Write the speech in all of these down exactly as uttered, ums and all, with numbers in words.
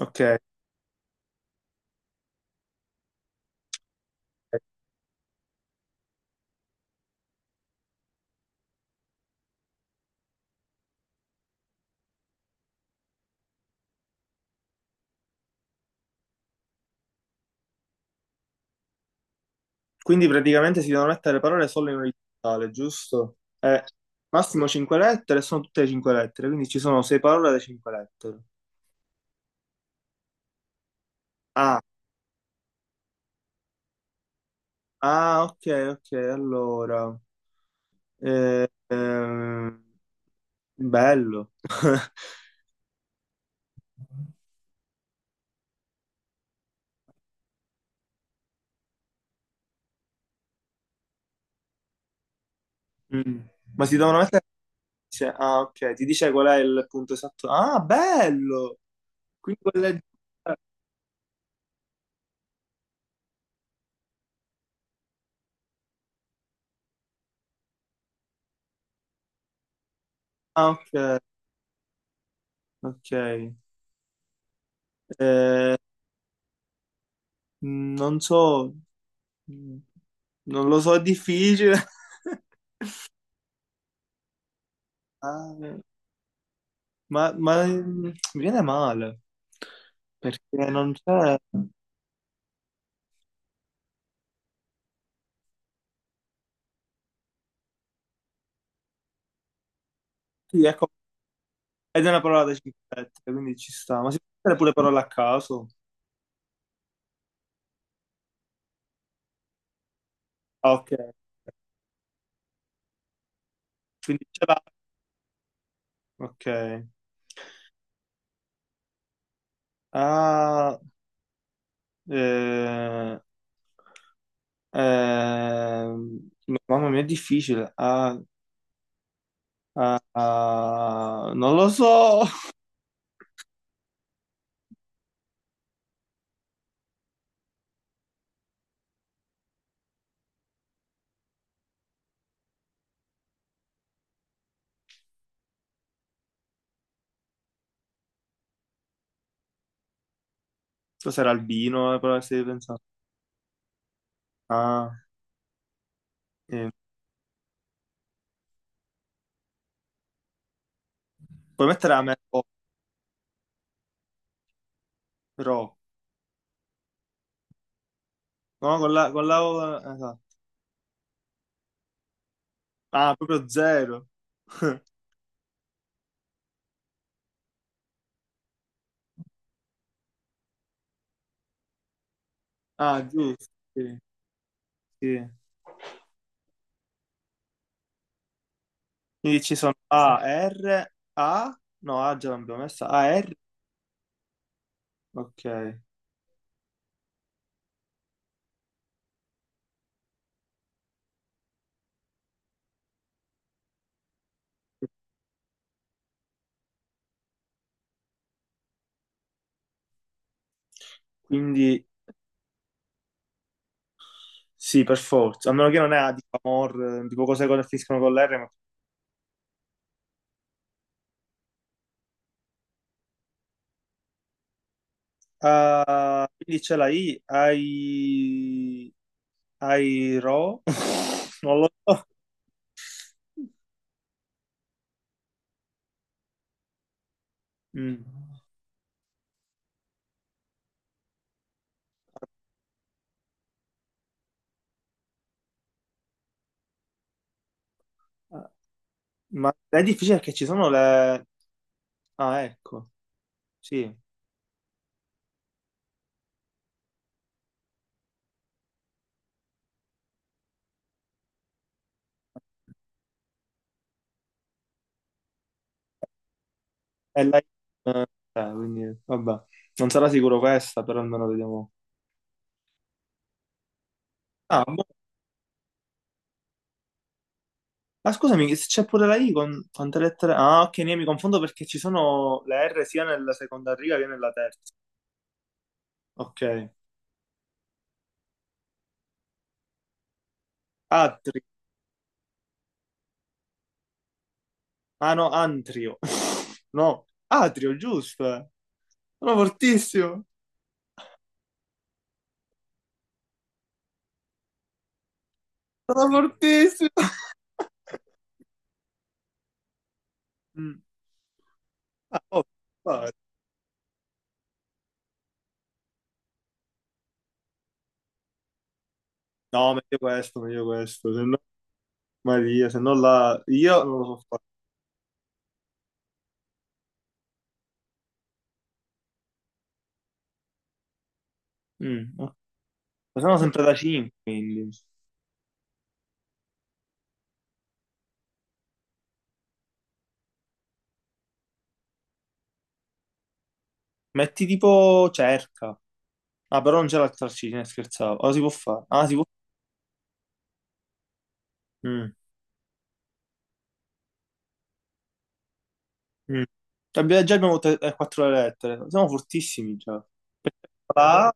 Ok, quindi praticamente si devono mettere parole solo in orizzontale, giusto? Eh, massimo cinque lettere, sono tutte cinque lettere, quindi ci sono sei parole da cinque lettere. Ah, ah, ok, ok, allora. Eh, ehm, Bello. Mm. Ma si devono mettere... insieme- Ah, ok, ti dice qual è il punto esatto. Ah, bello! Quindi quella... è... Ah, ok, ok. Eh, Non so. Mm. Non lo so, è difficile. Ah, ma, ma, mm, Mi viene male perché non c'è. Sì, ecco, ed è una parola da cinque lettere, quindi ci sta. Ma si può mettere pure parole a caso? Ah, ok, quindi ce l'ha. Ok. Ah, eh, ehm, Mamma mia, è difficile. Ah, ah, ah, non lo so. Cos'era albino? La parola che stavi pensando? Ah, eh, Puoi mettere a me. Ro. No, con la, con la O, esatto. Ah, proprio zero. Ah, giusto. Sì, sì. Quindi ci sono A, R, A. No, A già l'abbiamo messa. A, R. Ok. Quindi sì, per forza. A meno che non è A di amor, eh, tipo cose che finiscono con l'R. Ma... Ah, quindi c'è la I. Ai... Ai Ro. Non lo so. Mm. Ma è difficile perché ci sono le... Ah, ecco. Sì. È la... eh, quindi, vabbè, non sarà sicuro questa, però almeno vediamo. Ah, boh. Ma scusami, se c'è pure la I con quante lettere? Ah, ok, ne mi confondo perché ci sono le R sia nella seconda riga che nella terza. Ok. Atri. Ah no, Antrio. No, Atrio, giusto. Eh. Sono fortissimo. Sono fortissimo. Mm. Ah, oh, vai. No, meglio questo, meglio questo. Se no, Maria, se no la... Io non lo so fare. Mm. Ok. Ma sono sempre da cinque, quindi. Metti tipo cerca. Ah, però non c'è la trascina, scherzavo. Ora si può fare. Ah, si può. Mm, mm. Abbiamo- già abbiamo te- eh, quattro lettere. Siamo fortissimi già. La A,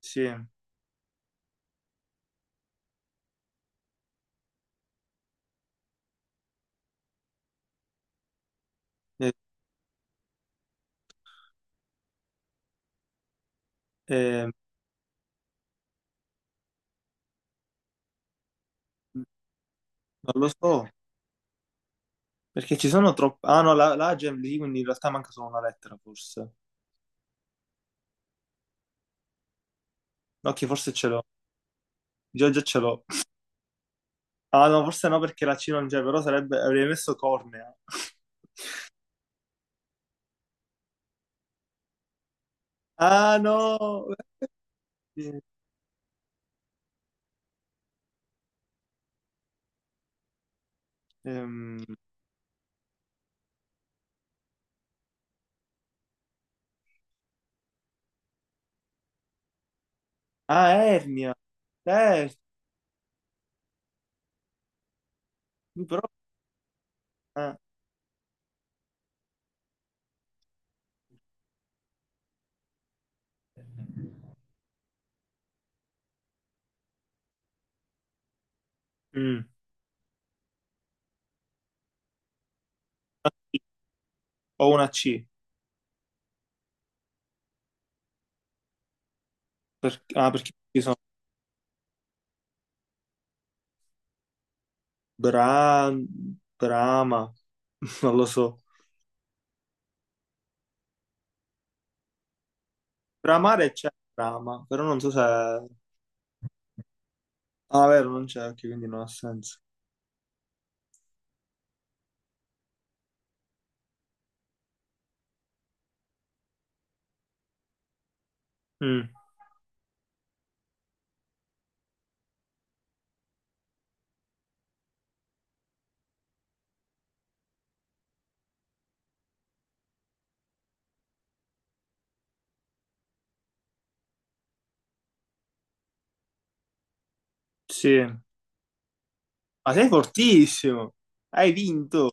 sì. Eh, eh, Non lo so. Perché ci sono troppe... Ah, no, la, la A già lì, quindi in realtà manca solo una lettera, forse. Ok, forse ce l'ho. Già, già ce l'ho. Ah, no, forse no, perché la C non c'è, però sarebbe... Avrei messo cornea. Ah, no! Eh, ehm, ah, Ernia. Eh, però... eh. Mm. Ho una C. Per- ah, perché ci sono Bra... Brama. Non lo so. Bramare c'è Brama, però non so se... Ah, vero, non c'è anche, quindi non ha senso. Mm. Sì. Ma sei fortissimo! Hai vinto!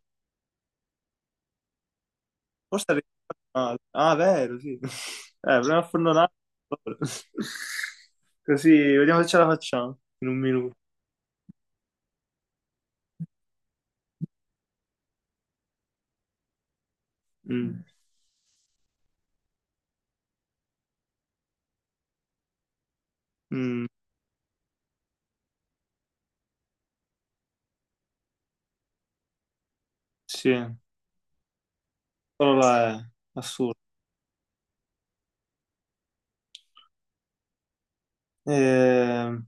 Forse arrivi male. Ah, vero, sì. Eh, proviamo a farne un altro. Così, vediamo se ce la facciamo in un minuto. Mm. Mm. Sì, però là è assurdo. Ehm,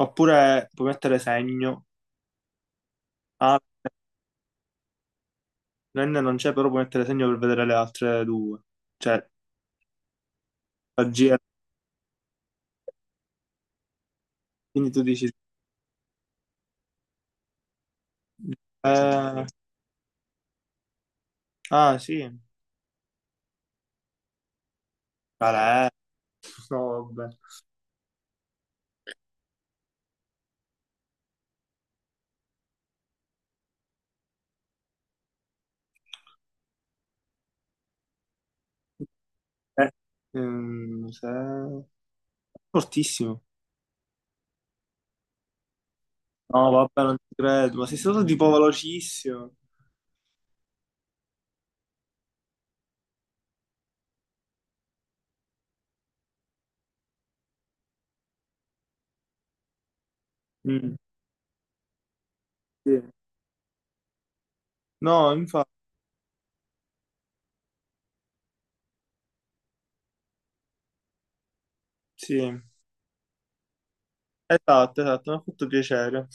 Oppure puoi mettere segno. Ah, N non c'è, però puoi mettere segno per vedere le altre due. Cioè, la G, quindi tu dici... eh, ah, sì. Vabbè. No, vabbè. Eh, ehm, Se- fortissimo. No, vabbè, non ci credo. Ma sei stato tipo velocissimo. Mm, sì. No, infatti, sì. Esatto, esatto, mi ha fatto piacere.